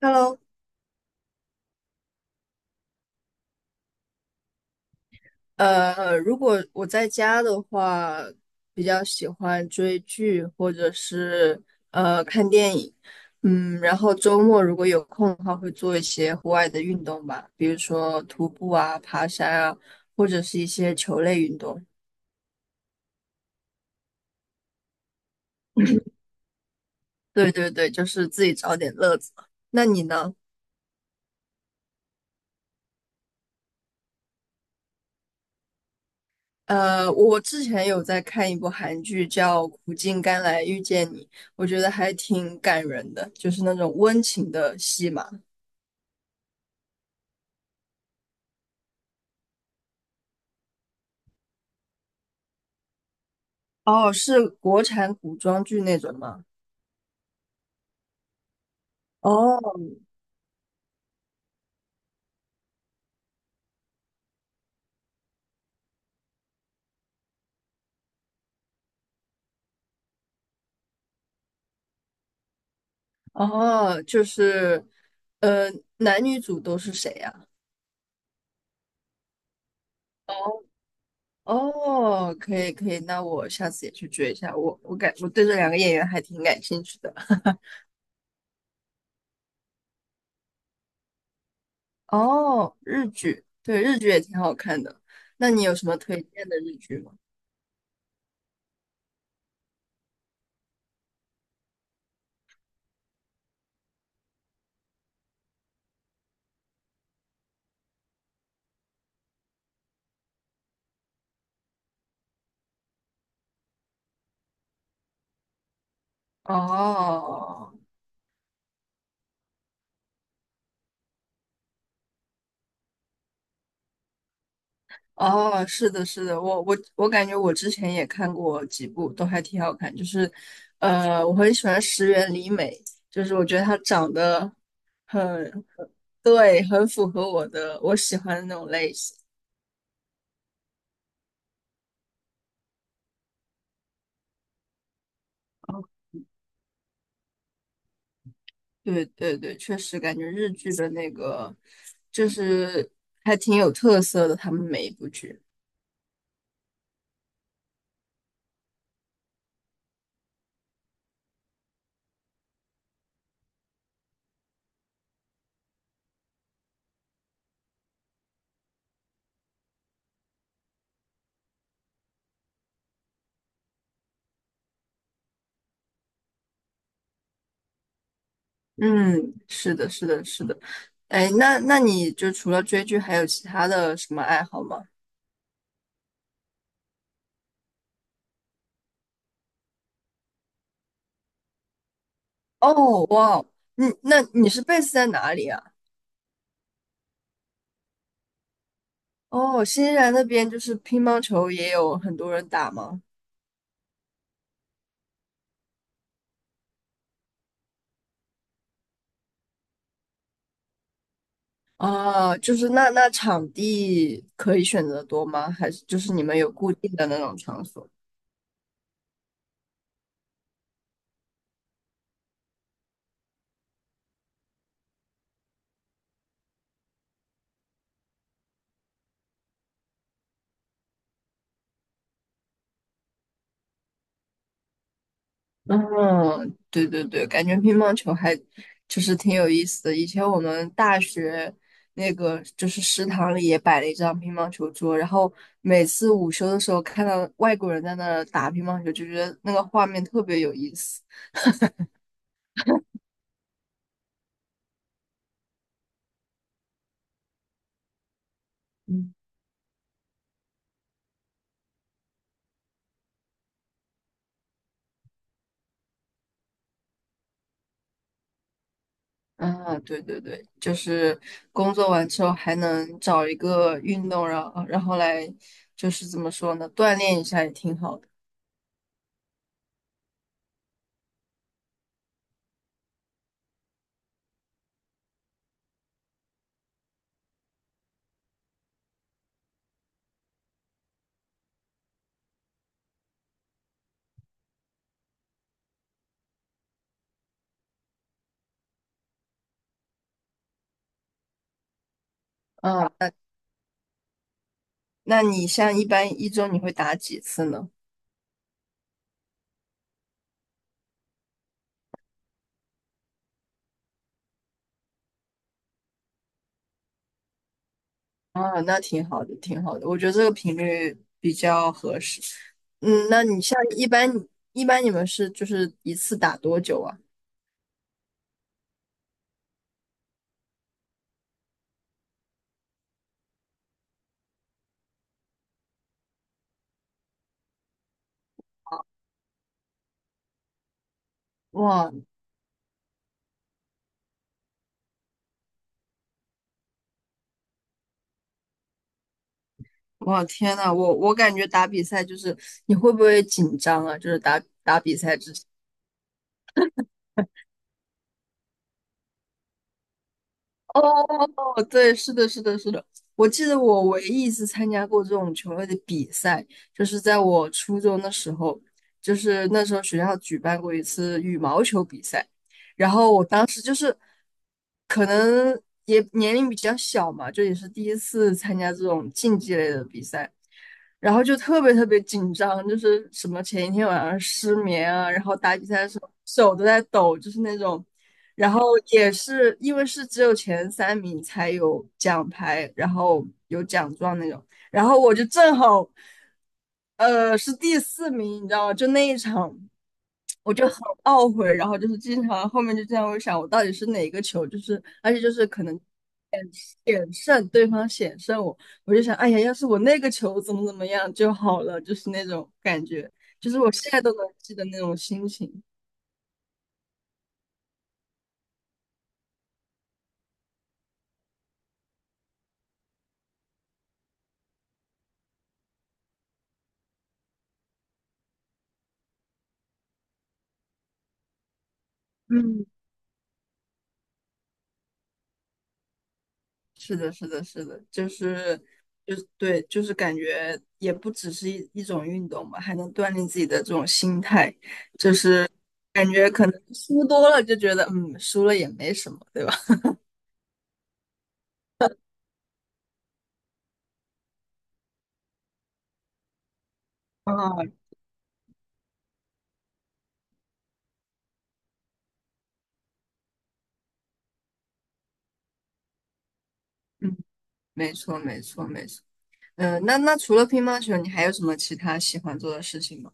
Hello，如果我在家的话，比较喜欢追剧或者是看电影。嗯，然后周末如果有空的话，会做一些户外的运动吧，比如说徒步啊、爬山啊，或者是一些球类运动。对对对，就是自己找点乐子。那你呢？我之前有在看一部韩剧叫《苦尽甘来遇见你》，我觉得还挺感人的，就是那种温情的戏嘛。哦，是国产古装剧那种吗？哦。哦，就是，呃，男女主都是谁呀？哦。哦，可以可以，那我下次也去追一下。我对这两个演员还挺感兴趣的。哦，日剧，对，日剧也挺好看的。那你有什么推荐的日剧吗？哦。哦，是的，是的，我感觉我之前也看过几部，都还挺好看。就是，我很喜欢石原里美，就是我觉得她长得很。对，很符合我喜欢的那种类型。对对对，确实感觉日剧的那个就是还挺有特色的，他们每一部剧。嗯，是的，是的，是的。哎，那你就除了追剧，还有其他的什么爱好吗？哦，哇哦，那你是 base 在哪里啊？哦，新西兰那边就是乒乓球也有很多人打吗？啊，就是那场地可以选择多吗？还是就是你们有固定的那种场所？嗯，对对对，感觉乒乓球还就是挺有意思的。以前我们大学那个就是食堂里也摆了一张乒乓球桌，然后每次午休的时候看到外国人在那儿打乒乓球，就觉得那个画面特别有意思。嗯。啊，对对对，就是工作完之后还能找一个运动，然后来就是怎么说呢，锻炼一下也挺好的。啊，那你像一般一周你会打几次呢？啊，那挺好的，挺好的，我觉得这个频率比较合适。嗯，那你像一般你们是就是一次打多久啊？哇哇，天呐，我感觉打比赛就是你会不会紧张啊？就是打打哦，对，是的，是的，是的。我记得我唯一一次参加过这种球类的比赛，就是在我初中的时候，就是那时候学校举办过一次羽毛球比赛，然后我当时就是可能也年龄比较小嘛，就也是第一次参加这种竞技类的比赛，然后就特别特别紧张，就是什么前一天晚上失眠啊，然后打比赛的时候手都在抖，就是那种。然后也是因为是只有前三名才有奖牌，然后有奖状那种。然后我就正好，是第四名，你知道吗？就那一场，我就很懊悔，然后就是经常后面就这样会想，我到底是哪个球？就是而且就是可能险胜对方险胜我，我就想，哎呀，要是我那个球怎么怎么样就好了，就是那种感觉，就是我现在都能记得那种心情。嗯。是的，是的，是的，就是就是对，就是感觉也不只是一种运动吧，还能锻炼自己的这种心态。感觉可能输多了就觉得，嗯，输了也没什么，对吧？啊，嗯，没错，没错，没错。嗯、那除了乒乓球，你还有什么其他喜欢做的事情吗？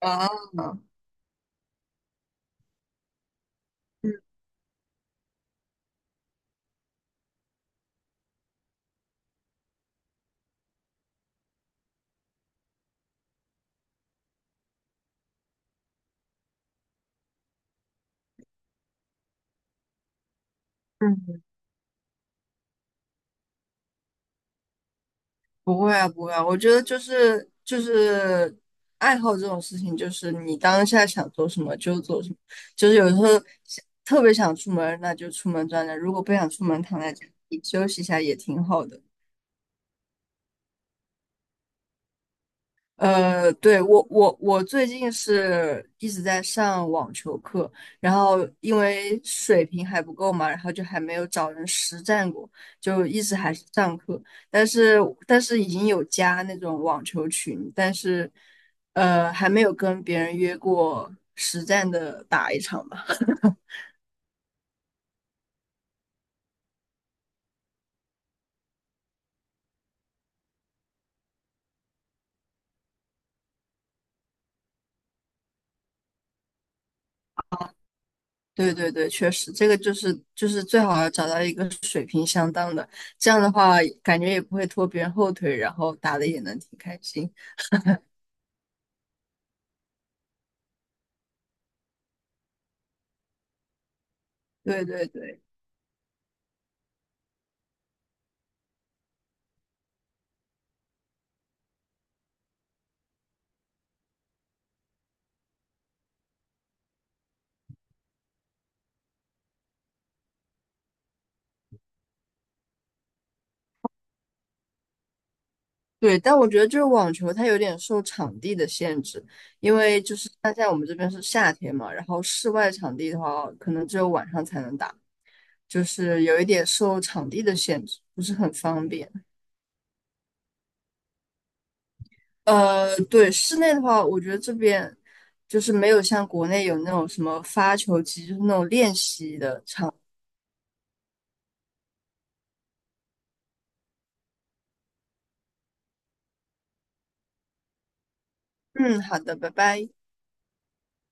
啊，嗯嗯，不会啊，不会啊，我觉得就是就是爱好这种事情，就是你当下想做什么就做什么，就是有时候想特别想出门，那就出门转转；如果不想出门，躺在家里休息一下也挺好的。对，我最近是一直在上网球课，然后因为水平还不够嘛，然后就还没有找人实战过，就一直还是上课，但是但是已经有加那种网球群，但是还没有跟别人约过实战的打一场吧。对对对，确实，这个就是就是最好要找到一个水平相当的，这样的话感觉也不会拖别人后腿，然后打的也能挺开心。对对对对，但我觉得就是网球它有点受场地的限制，因为就是像现在我们这边是夏天嘛，然后室外场地的话，可能只有晚上才能打，就是有一点受场地的限制，不是很方便。对，室内的话，我觉得这边就是没有像国内有那种什么发球机，就是那种练习的场。嗯，好的，拜拜。